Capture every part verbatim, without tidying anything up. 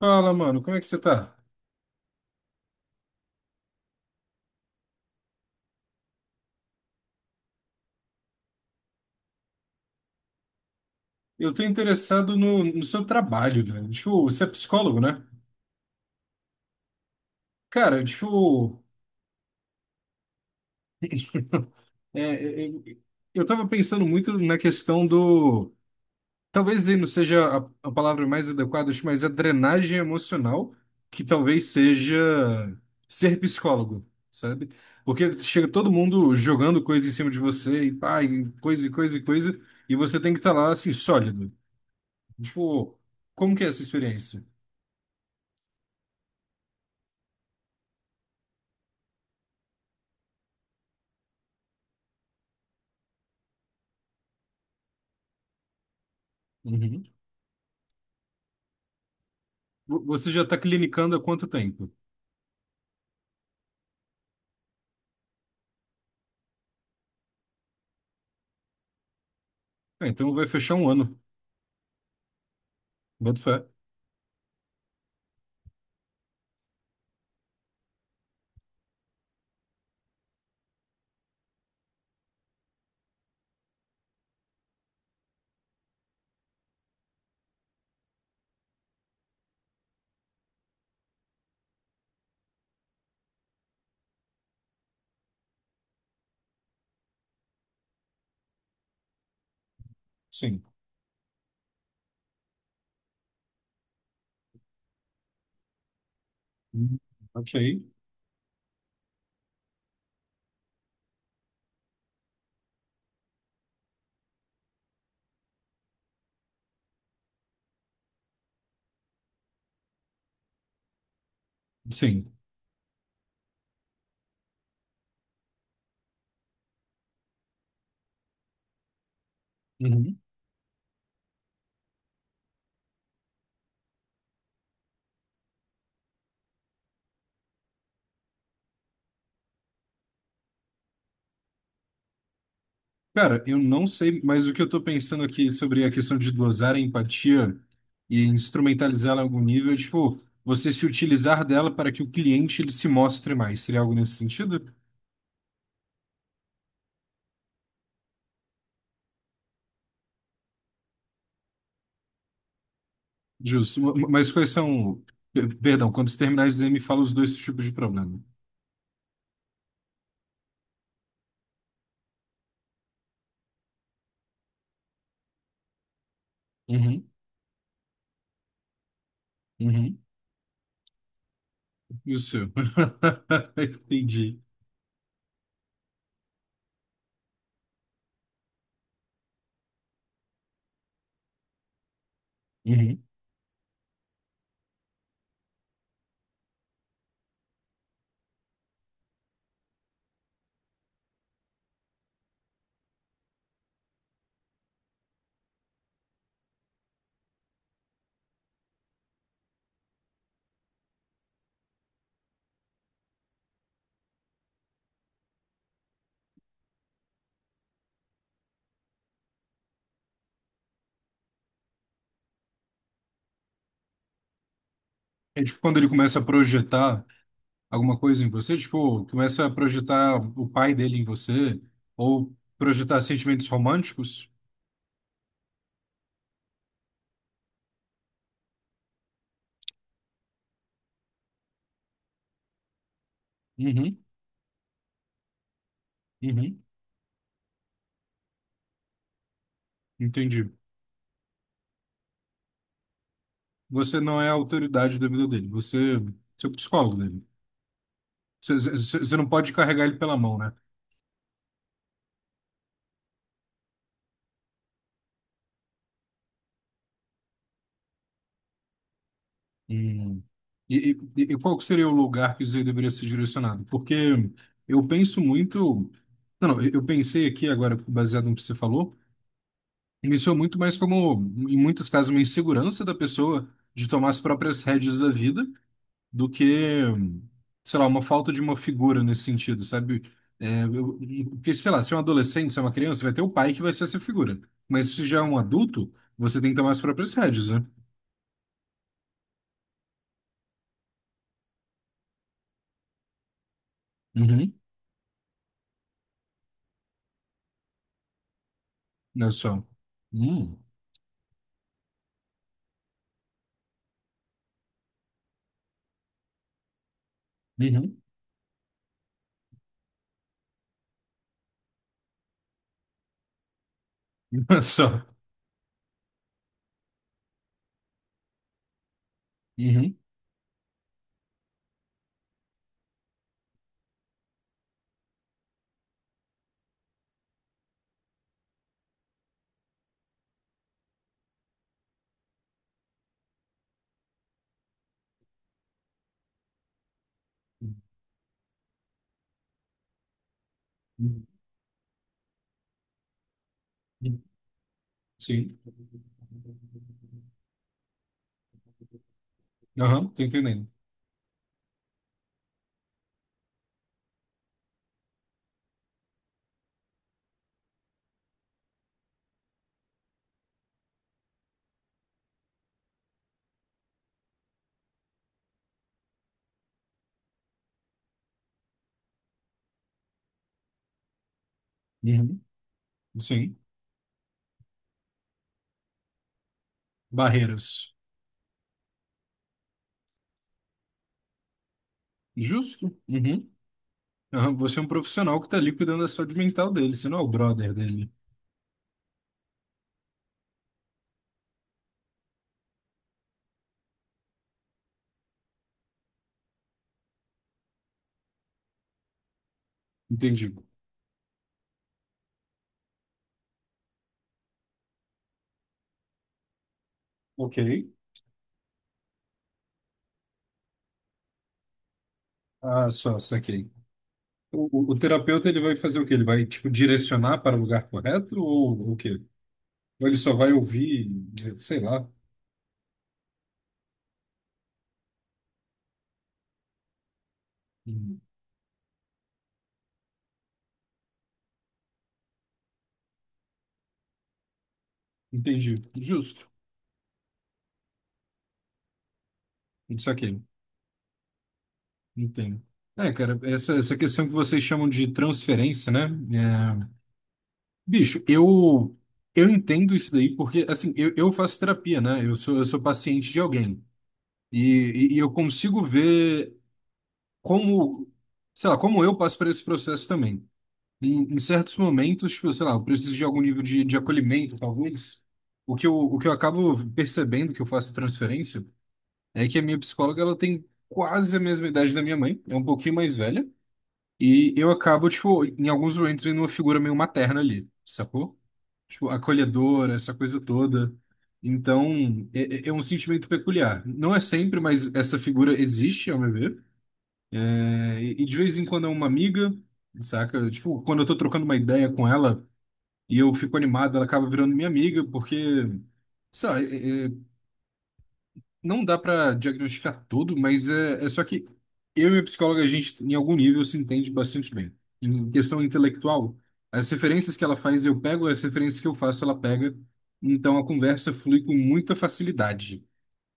Fala, mano, como é que você tá? Eu tô interessado no, no seu trabalho, velho. Tipo, você é psicólogo, né? Cara, tipo, é, é, é, eu tava pensando muito na questão do. Talvez aí não seja a, a palavra mais adequada, acho, mas a drenagem emocional, que talvez seja ser psicólogo, sabe? Porque chega todo mundo jogando coisa em cima de você, e pá, e coisa, e coisa, e coisa, e você tem que estar lá, assim, sólido. Tipo, como que é essa experiência? Uhum. Vo- Você já está clinicando há quanto tempo? Ah, então vai fechar um ano. Boto fé. Sim. Hum. Ok. Sim. Uhum. Cara, eu não sei, mas o que eu estou pensando aqui sobre a questão de dosar a empatia e instrumentalizá-la em algum nível é, tipo, você se utilizar dela para que o cliente ele se mostre mais. Seria algo nesse sentido? Justo. Ma- Mas quais são... per- Perdão, quando você terminar o exame, me fala os dois tipos de problema. Uhum, uhum. E o seu? Entendi. Uhum. É tipo quando ele começa a projetar alguma coisa em você, tipo, começa a projetar o pai dele em você, ou projetar sentimentos românticos. Uhum, uhum. Entendi. Você não é a autoridade da vida dele, você, você é o psicólogo dele. Você, você- você não pode carregar ele pela mão, né? Hum. E, e- e qual que seria o lugar que isso aí deveria ser direcionado? Porque eu penso muito. Não, não, eu eu pensei aqui agora, baseado no que você falou. Isso é muito mais como, em muitos casos, uma insegurança da pessoa de tomar as próprias rédeas da vida do que, sei lá, uma falta de uma figura nesse sentido, sabe? É, eu- porque, sei lá, se é um adolescente, se é uma criança, vai ter o pai que vai ser essa figura. Mas se já é um adulto, você tem que tomar as próprias rédeas, né? Uhum. Não é só. Hum. Uhum. Não é só. Uhum. Sim. Aham, tô entendendo. Uhum. Sim. Barreiras. Justo. Uhum. Aham, você é um profissional que está ali cuidando da saúde mental dele, você não é o brother dele. Entendi. Ok. Ah, só, saquei. O, o- o terapeuta, ele vai fazer o quê? Ele vai, tipo, direcionar para o lugar correto ou o quê? Ou ele só vai ouvir, eh, sei lá. Hum. Entendi. Justo. Saquei. Entendo. É, cara, essa, essa questão que vocês chamam de transferência, né? É, bicho, eu, eu entendo isso daí porque, assim, eu, eu faço terapia, né? Eu sou, eu sou paciente de alguém. E, e, e eu consigo ver como, sei lá, como eu passo por esse processo também. Em, em certos momentos, tipo, sei lá, eu preciso de algum nível de, de acolhimento, talvez. O que eu, o que eu acabo percebendo que eu faço transferência é que a minha psicóloga, ela tem quase a mesma idade da minha mãe, é um pouquinho mais velha. E eu acabo, tipo, em alguns momentos, vendo uma figura meio materna ali, sacou? Tipo, acolhedora, essa coisa toda. Então, é, é é um sentimento peculiar. Não é sempre, mas essa figura existe, ao meu ver. É, e e de vez em quando é uma amiga, saca? Tipo, quando eu tô trocando uma ideia com ela e eu fico animado, ela acaba virando minha amiga, porque, sei lá, é, é, não dá pra diagnosticar tudo, mas é, é só que eu e minha psicóloga, a gente, em algum nível, se entende bastante bem. Em questão intelectual, as referências que ela faz, eu pego, as referências que eu faço, ela pega. Então a conversa flui com muita facilidade.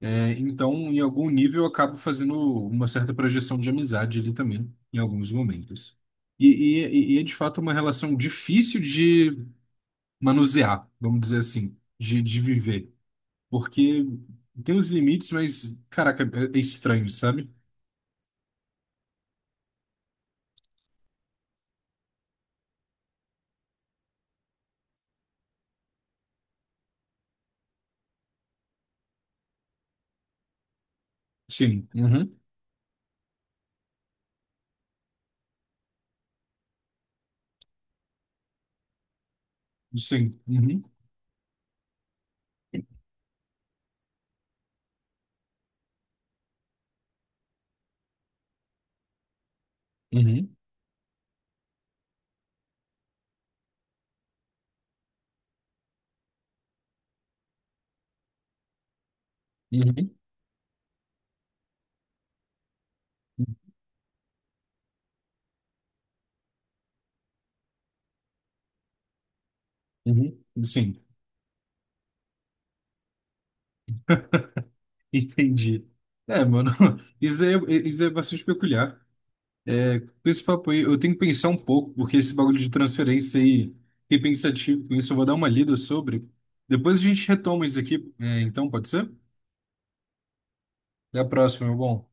É, então, em algum nível, eu acabo fazendo uma certa projeção de amizade ali também, em alguns momentos. E, e, e é de fato uma relação difícil de manusear, vamos dizer assim, de, de viver. Porque tem uns limites, mas, caraca, é é estranho, sabe? Sim, uhum, sim, uhum, uhum, uhum, uhum, sim, entendi. É, mano, isso daí é, isso daí é bastante peculiar. Com esse papo aí, eu tenho que pensar um pouco, porque esse bagulho de transferência aí, fiquei pensativo com isso, eu vou dar uma lida sobre. Depois a gente retoma isso aqui, é, então, pode ser? Até a próxima, meu bom.